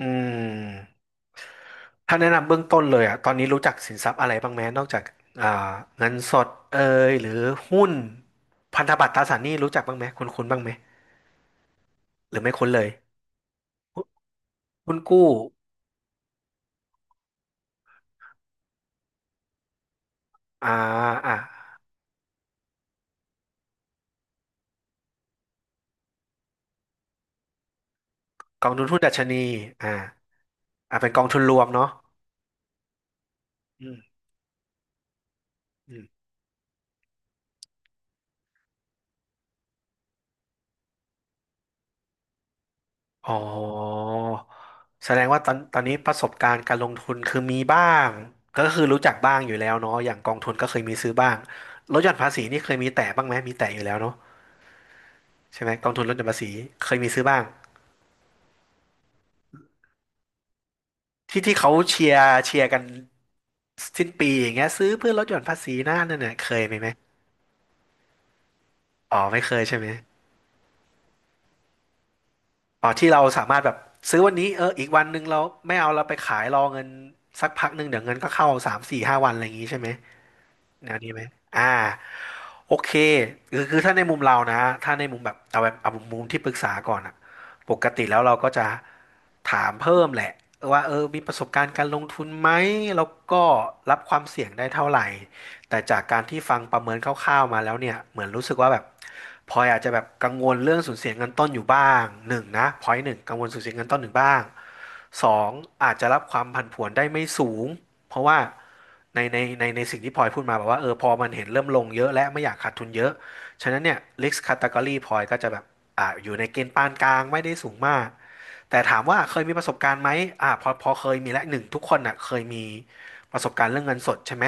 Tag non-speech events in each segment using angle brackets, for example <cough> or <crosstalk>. อืมถ้าแนะนำเบื้องต้นเลยอ่ะตอนนี้รู้จักสินทรัพย์อะไรบ้างไหมนอกจากอ่าเงินสดเอยหรือหุ้นพันธบัตรตราสารหนี้รู้จักบ้างไหมคุ้นคุ้นบ้างไหมหรือไม่คุ้นเลยหุ้นกู้อ่าอ่ะกองทุนหุ้นดัชนีอ่าเป็นกองทุนรวมเนาะอืมอืมอ๋อแสดงว่าตอนนี้ประสบการณ์การลงทุนคือมีบ้างก็คือรู้จักบ้างอยู่แล้วเนาะอย่างกองทุนก็เคยมีซื้อบ้างลดหย่อนภาษีนี่เคยมีแตะบ้างไหมมีแตะอยู่แล้วเนาะ ใช่ไหมกองทุนลดหย่อนภาษีเคยมีซื้อบ้างที่เขาเชียร์กันสิ้นปีอย่างเงี้ยซื้อเพื่อลดหย่อนภาษีนะนั่นน่ะเคยมีไหมอ๋อไม่เคยใช่ไหมอ๋อที่เราสามารถแบบซื้อวันนี้เอออีกวันหนึ่งเราไม่เอาเราไปขายรอเงินสักพักหนึ่งเดี๋ยวเงินก็เข้าสามสี่ห้าวันอะไรอย่างงี้ใช่ไหมแนวนี้ไหมอ่า โอเคคือถ้าในมุมเรานะถ้าในมุมแบบเอาแบบเอามุมที่ปรึกษาก่อนอะปกติแล้วเราก็จะถามเพิ่มแหละว่าเออมีประสบการณ์การลงทุนไหมแล้วก็รับความเสี่ยงได้เท่าไหร่ แต่จากการที่ฟังประเมินคร่าวๆมาแล้วเนี่ยเหมือนรู้สึกว่าแบบพลอยอาจจะแบบกังวลเรื่องสูญเสียเงินต้นอยู่บ้างหนึ่งนะพอยหนึ่งกังวลสูญเสียเงินต้นหนึ่งบ้าง สองอาจจะรับความผันผวนได้ไม่สูงเพราะว่าในสิ่งที่พลอยพูดมาแบบว่าเออพอมันเห็นเริ่มลงเยอะและไม่อยากขาดทุนเยอะฉะนั้นเนี่ย risk category พลอยก็จะแบบอยู่ในเกณฑ์ปานกลางไม่ได้สูงมากแต่ถามว่าเคยมีประสบการณ์ไหมอ่าพอเคยมีและหนึ่งทุกคนอ่ะเคยมีประสบการณ์เรื่องเงินสดใช่ไหม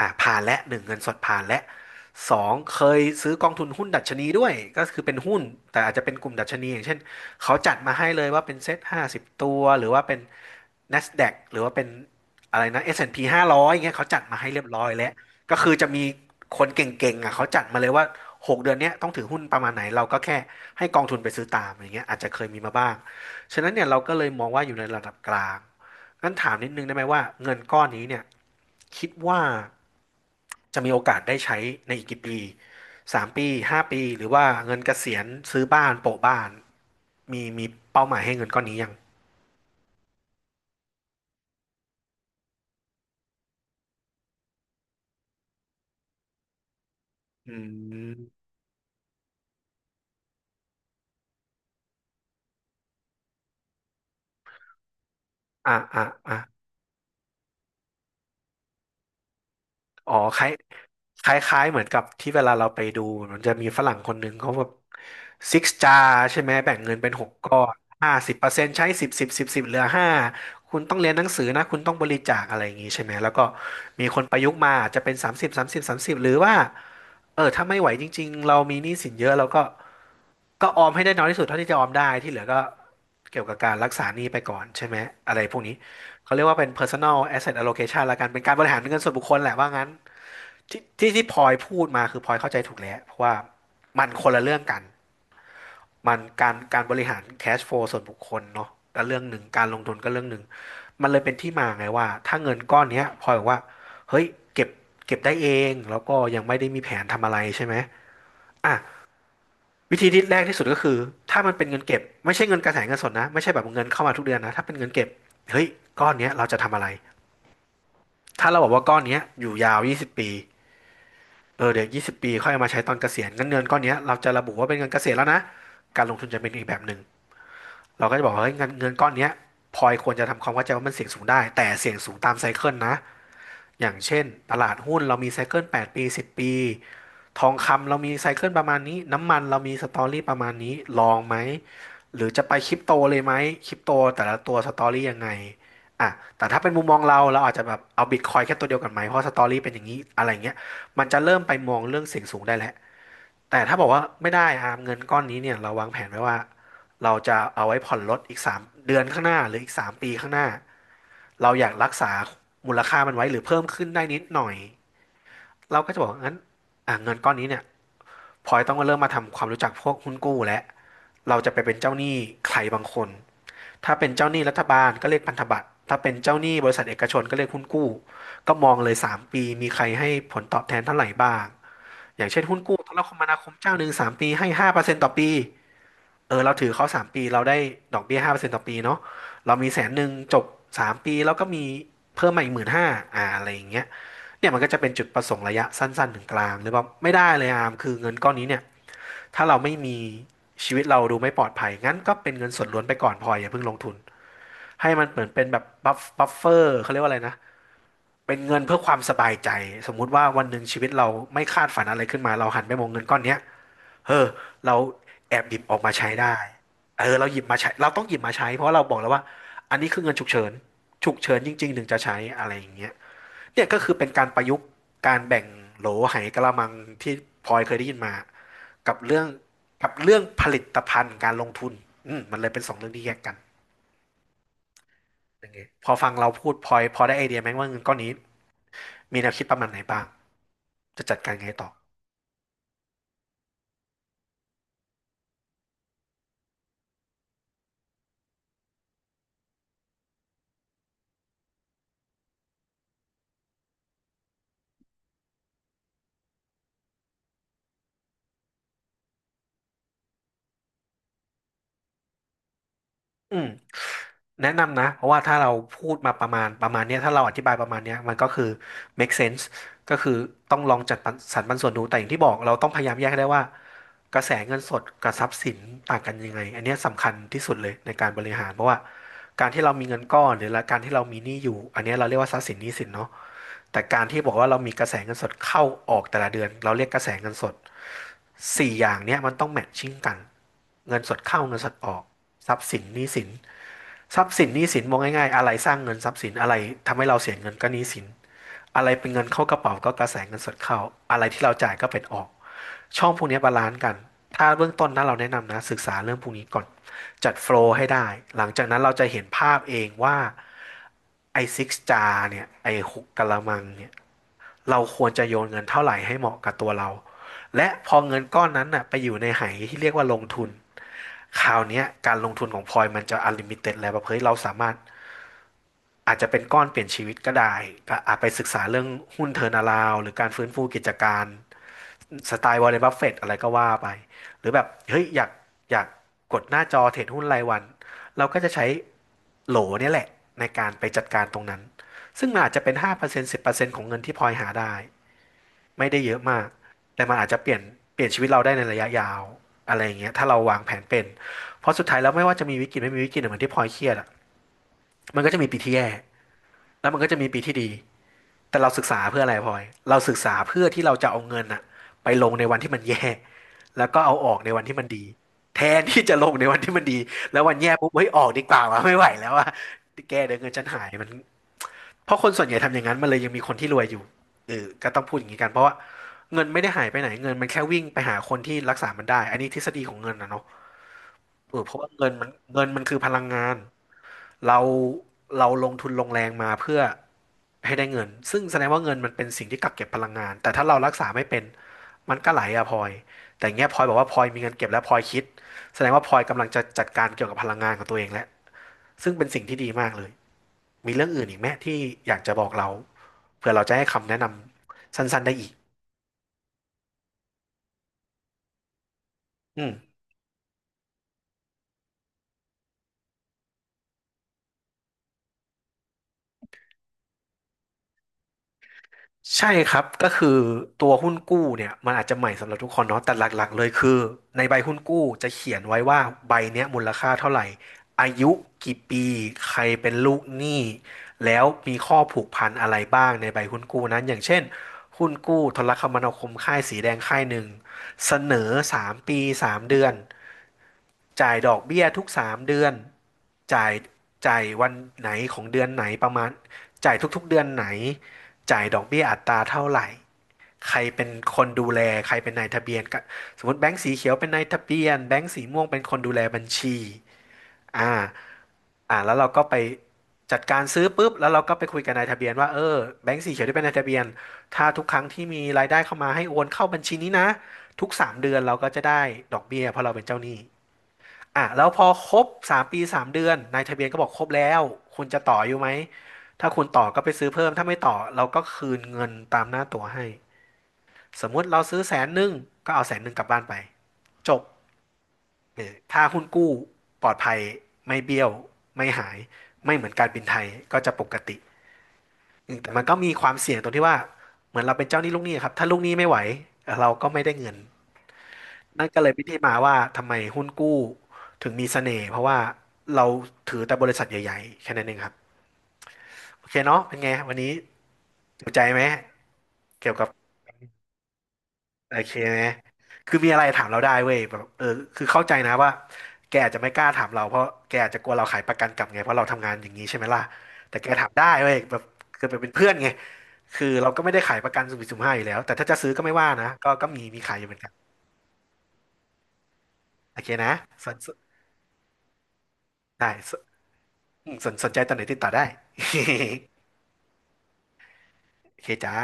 อ่าผ่านและหนึ่งเงินสดผ่านและสองเคยซื้อกองทุนหุ้นดัชนีด้วยก็คือเป็นหุ้นแต่อาจจะเป็นกลุ่มดัชนีอย่างเช่น เขาจัดมาให้เลยว่าเป็นเซ็ตห้าสิบตัวหรือว่าเป็น NASDAQ หรือว่าเป็นอะไรนะ S&P 500อนด์พีห้าร้อยอย่างเงี้ยเขาจัดมาให้เรียบร้อยแล้วก็คือจะมีคนเก่งๆอ่ะเขาจัดมาเลยว่า6 เดือนเนี้ยต้องถือหุ้นประมาณไหนเราก็แค่ให้กองทุนไปซื้อตามอย่างเงี้ยอาจจะเคยมีมาบ้างฉะนั้นเนี่ยเราก็เลยมองว่าอยู่ในระดับกลางงั้นถามนิดนึงได้ไหมว่าเงินก้อนนี้เนี่ยคิดว่าจะมีโอกาสได้ใช้ในอีกกี่ปี3 ปี5 ปีหรือว่าเงินเกษียณซื้อบ้านโปะบ้าน มีเป้าหมายให้เงินก้อนนี้ยังอืมอ่ะอ่ะอ่ะ อ๋อคล้ายเหมือนกับที่เวลาเราไปดูมันจะมีฝรั่งคนหนึ่งเขาแบบซิกจาใช่ไหมแบ่งเงินเป็น6 ก้อน50%ใช้สิบสิบสิบสิบเหลือห้าคุณต้องเรียนหนังสือนะคุณต้องบริจาคอะไรอย่างนี้ใช่ไหมแล้วก็มีคนประยุกต์มาอาจจะเป็นสามสิบสามสิบสามสิบหรือว่าเออถ้าไม่ไหวจริงๆเรามีหนี้สินเยอะเราก็ออมให้ได้น้อยที่สุดเท่าที่จะออมได้ที่เหลือก็เกี่ยวกับการรักษาหนี้ไปก่อนใช่ไหมอะไรพวกนี้ เขาเรียกว่าเป็น personal asset allocation ละกันเป็นการบริหารเงินส่วนบุคคลแหละว่างั้นที่พลอยพูดมาคือพลอยเข้าใจถูกแล้ว เพราะว่ามันคนละเรื่องกัน มันการบริหาร cash flow ส่วนบุคคลเนาะก็เรื่องหนึ่งการลงทุนก็เรื่องหนึ่ง มันเลยเป็นที่มาไงว่าถ้าเงินก้อนเนี้ยพลอยบอกว่าเฮ้ยเก็บเก็บได้เอง แล้วก็ยังไม่ได้มีแผนทำอะไรใช่ไหมอ่ะวิธีที่แรกที่สุดก็คือถ้ามันเป็นเงินเก็บไม่ใช่เงินกระแสเงินสดนะไม่ใช่แบบเงินเข้ามาทุกเดือนนะถ้าเป็นเงินเก็บเฮ้ยก้อนเนี้ยเราจะทำอะไร ถ้าเราบอกว่าก้อนเนี้ยอยู่ยาว 20 ปี เออเดี๋ยว 20 ปี ค่อยเอามาใช้ตอนเกษียณงั้นเงินก้อนเนี้ยเราจะระบุว่าเป็นเงินเกษียณแล้วนะ การลงทุนจะเป็นอีกแบบหนึ่งเราก็จะบอกว่าเฮ้ยเงินก้อนเนี้ยพลอยควรจะทำความเข้าใจว่ามันเสี่ยงสูงได้ แต่เสี่ยงสูงตามไซเคิลนะ อย่างเช่นตลาดหุ้นเรามีไซเคิล8ปดปี10ปี ทองคำเรามีไซเคิลประมาณนี้ น้ำมันเรามีสตอรี่ประมาณนี้ลองไหมหรือจะไปคริปโตเลยไหมคริปโตแต่ละตัวสตอรี่ยังไงอ่ะแต่ถ้าเป็นมุมมองเราเราอาจจะแบบเอาบิตคอยแค่ตัวเดียวกันไหมเพราะสตอรี่เป็นอย่างนี้อะไรเงี้ยมันจะเริ่มไปมองเรื่องเสี่ยงสูงได้แล้วแต่ถ้าบอกว่าไม่ได้อาร์มเงินก้อนนี้เนี่ยเราวางแผนไว้ว่าเราจะเอาไว้ผ่อนรถอีกสามเดือนข้างหน้าหรืออีก3ปีข้างหน้า เราอยากรักษามูลค่ามันไว้หรือเพิ่มขึ้นได้นิดหน่อยเราก็จะบอกงั้นอ่ะเงินก้อนนี้เนี่ยพลอยต้องเริ่มมาทำความรู้จักพวกหุ้นกู้แล้วเราจะไปเป็นเจ้าหนี้ใครบางคนถ้าเป็นเจ้าหนี้รัฐบาลก็เรียกพันธบัตรถ้าเป็นเจ้าหนี้บริษัทเอกชนก็เรียกหุ้นกู้ก็มองเลยสามปีมีใครให้ผลตอบแทนเท่าไหร่บ้างอย่างเช่นหุ้นกู้โทรคมนาคมเจ้าหนึ่งสามปีให้ห้าเปอร์เซ็นตต่อปี เออเราถือเขาสามปีเราได้ดอกเบี้ยห้าเปอร์เซ็นต์ต่อปีเนาะเรามีแสนหนึ่งจบสามปีแล้วก็มีเพิ่มมาอีกหมื่นห้าอ่าอะไรอย่างเงี้ยเนี่ยมันก็จะเป็นจุดประสงค์ระยะสั้นๆถึงกลางหรือว่าไม่ได้เลยอามคือเงินก้อนนี้เนี่ยถ้าเราไม่มีชีวิตเราดูไม่ปลอดภัยงั้นก็เป็นเงินส่วนล้วนไปก่อนพออย่าเพิ่งลงทุนให้มันเหมือนเป็นแบบบัฟเฟอร์เขาเรียกว่าอะไรนะเป็นเงินเพื่อความสบายใจสมมุติว่าวันหนึ่งชีวิตเราไม่คาดฝันอะไรขึ้นมาเราหันไปมองเงินก้อนเนี้ย เออเราแอบหยิบออกมาใช้ได้เออเราหยิบมาใช้เราต้องหยิบมาใช้เพราะเราบอกแล้วว่าอันนี้คือเงินฉุกเฉินฉุกเฉินจริงๆถึงจะใช้อะไรอย่างเงี้ยเนี่ยก็คือเป็นการประยุกต์การแบ่งโหลไหกะละมังที่พลอยเคยได้ยินมากับเรื่องกับเรื่องผลิตภัณฑ์การลงทุนอืมมันเลยเป็นสองเรื่องที่แยกกันอย่างเงี้ยพอฟังเราพูดพลอยพอได้ไอเดียไหมว่าเงินก้อนนี้มีแนวคิดประมาณไหนบ้างจะจัดการไงต่ออืม แนะนำนะเพราะว่าถ้าเราพูดมาประมาณเนี้ยถ้าเราอธิบายประมาณเนี้ยมันก็คือ make sense ก็คือต้องลองจัดปันสรรปันส่วนดูแต่อย่างที่บอกเราต้องพยายามแยกให้ได้ว่ากระแสเงินสดกับทรัพย์สินต่างกันยังไงอันเนี้ยสำคัญที่สุดเลยในการบริหารเพราะว่าการที่เรามีเงินก้อนหรือละการที่เรามีหนี้อยู่อันเนี้ยเราเรียกว่าทรัพย์สินหนี้สินเนาะแต่การที่บอกว่าเรามีกระแสเงินสดเข้าออกแต่ละเดือนเราเรียกกระแสเงินสดสี่อย่างเนี้ยมันต้องแมทชิ่งกันเงินสดเข้าเงินสดออกทรัพย์สินหนี้สิน ทรัพย์สินหนี้สินมองง่ายๆอะไรสร้างเงินทรัพย์สินอะไรทำให้เราเสียเงินก็หนี้สินอะไรเป็นเงินเข้ากระเป๋าก็กระแสเงินสดเข้าอะไรที่เราจ่ายก็เป็นออกช่องพวกนี้บาลานซ์กันถ้าเบื้องต้นนะเราแนะนำนะศึกษาเรื่องพวกนี้ก่อนจัดโฟลว์ให้ได้หลังจากนั้นเราจะเห็นภาพเองว่าไอ้ซิกจาร์เนี่ยไอ้หกกะละมังเนี่ยเราควรจะโยนเงินเท่าไหร่ให้เหมาะกับตัวเราและพอเงินก้อนนั้นน่ะไปอยู่ในไหที่เรียกว่าลงทุนคราวนี้การลงทุนของพลอยมันจะ u ลิมิ i e แล้วแบบเฮเราสามารถ อาจจะเป็นก้อนเปลี่ยนชีวิตก็ได้ก็อาจไปศึกษาเรื่องหุ้นเทอร์นาลาวหรือการฟื้นฟูกิจการสไตล์วอร์เรนบัฟเฟตอะไรก็ว่าไป หรือแบบเฮ้ยอยากกดหน้าจอเทรดหุ้นรายวันเราก็จะใช้โหลเนี่ยแหละในการไปจัดการตรงนั้น ซึ่งมันอาจจะเป็น5% 10%ของเงินที่พลอยหาได้ไม่ได้เยอะมาก แต่มันอาจจะเปลี่ยนชีวิตเราได้ในระยะยาวอะไรอย่างเงี้ยถ้าเราวางแผนเป็นเพราะสุดท้ายแล้วไม่ว่าจะมีวิกฤตไม่มีวิกฤตเนี่ยเหมือนที่พลอยเครียดอะมันก็จะมีปีที่แย่แล้วมันก็จะมีปีที่ดี แต่เราศึกษาเพื่ออะไรพลอยเราศึกษาเพื่อที่เราจะเอาเงินอะไปลงในวันที่มันแย่แล้วก็เอาออกในวันที่มันดีแทนที่จะลงในวันที่มันดีแล้ววันแย่ปุ๊บเฮ้ยออกดีกว่าวะไม่ไหวแล้วอะแกเดี๋ยวเงินฉันหายมันเพราะคนส่วนใหญ่ทำอย่างนั้นมันเลยยังมีคนที่รวยอยู่เออก็ต้องพูดอย่างนี้กันเพราะว่าเงินไม่ได้หายไปไหนเงินมันแค่วิ่งไปหาคนที่รักษามันได้อันนี้ทฤษฎีของเงินนะเนาะเออเพราะว่าเงินมันคือพลังงาน เราเราลงทุนลงแรงมาเพื่อให้ได้เงินซึ่งแสดงว่าเงินมันเป็นสิ่งที่กักเก็บพลังงานแต่ถ้าเรารักษาไม่เป็นมันก็ไหลอะพลอยแต่อย่างเงี้ยพลอยบอกว่าพลอยมีเงินเก็บแล้วพลอยคิดแสดงว่าพลอยกำลังจะจัดการเกี่ยวกับพลังงานของตัวเองแล้วซึ่งเป็นสิ่งที่ดีมากเลยมีเรื่องอื่นอีกไหมที่อยากจะบอกเราเพื่อเราจะให้คำแนะนำสั้นๆได้อีกอืม ใช่ครับก็คือตัวหุ้นกู้เนี่ยมันอาจจะใหม่สำหรับทุกคนเนาะแต่หลักๆเลยคือในใบหุ้นกู้จะเขียนไว้ว่าใบเนี้ยมูลค่าเท่าไหร่อายุกี่ปีใครเป็นลูกหนี้แล้วมีข้อผูกพันอะไรบ้างในใบหุ้นกู้นั้นอย่างเช่นหุ้นกู้โทรคมนาคมค่ายสีแดงค่ายหนึ่งเสนอ3ปี3เดือน จ่ายดอกเบี้ยทุก3เดือนจ่ายจ่ายวันไหนของเดือนไหนประมาณจ่ายทุกๆเดือนไหน จ่ายดอกเบี้ยอัตราเท่าไหร่ ใครเป็นคนดูแลใครเป็นนายทะเบียนก็สมมติแบงก์สีเขียวเป็นนายทะเบียนแบงก์สีม่วงเป็นคนดูแลบัญชีอ่าแล้วเราก็ไปจัดการซื้อปุ๊บแล้วเราก็ไปคุยกับนายทะเบียนว่าเออแบงก์สีเขียวที่เป็นนายทะเบียนถ้าทุกครั้งที่มีรายได้เข้ามาให้โอนเข้าบัญชีนี้นะทุกสามเดือนเราก็จะได้ดอกเบี้ยเพราะเราเป็นเจ้าหนี้ อ่ะแล้วพอครบ3ปีสามเดือนนายทะเบียนก็บอกครบแล้วคุณจะต่ออยู่ไหมถ้าคุณต่อก็ไปซื้อเพิ่มถ้าไม่ต่อเราก็คืนเงินตามหน้าตั๋วให้สมมุติเราซื้อแสนหนึ่งก็เอาแสนหนึ่งกลับบ้านไปจบเออถ้าหุ้นกู้ปลอดภัยไม่เบี้ยวไม่หายไม่เหมือนการบินไทยก็จะปกติอืมแต่มันก็มีความเสี่ยงตรงที่ว่าเหมือนเราเป็นเจ้าหนี้ลูกหนี้ครับถ้าลูกหนี้ไม่ไหวเราก็ไม่ได้เงิน นั่นก็เลยเป็นที่มาว่าทำไมหุ้นกู้ถึงมีเสน่ห์เพราะว่าเราถือแต่บริษัทใหญ่ๆแค่นั้นเองครับโอเคเนาะเป็นไงวันนี้จุใจไหมเกี่ยวกับโอเคไหมคือมีอะไรถามเราได้เว้ยแบบเออคือเข้าใจนะว่าแกอาจจะไม่กล้าถามเราเพราะแกอาจจะกลัวเราขายประกันกลับไงเพราะเราทำงานอย่างนี้ใช่ไหมล่ะแต่แกถามได้เว้ยแบบคือเป็นเพื่อนไงคือเราก็ไม่ได้ขายประกันสุ่มสี่สุ่มห้าอยู่แล้วแต่ถ้าจะซื้อก็ไม่ว่านะก็มีขายอยู่เหมือนกันโอเคนะสนได้ อืมสนใจตอนไหนติดต่อได้ <laughs> โอเคจ้า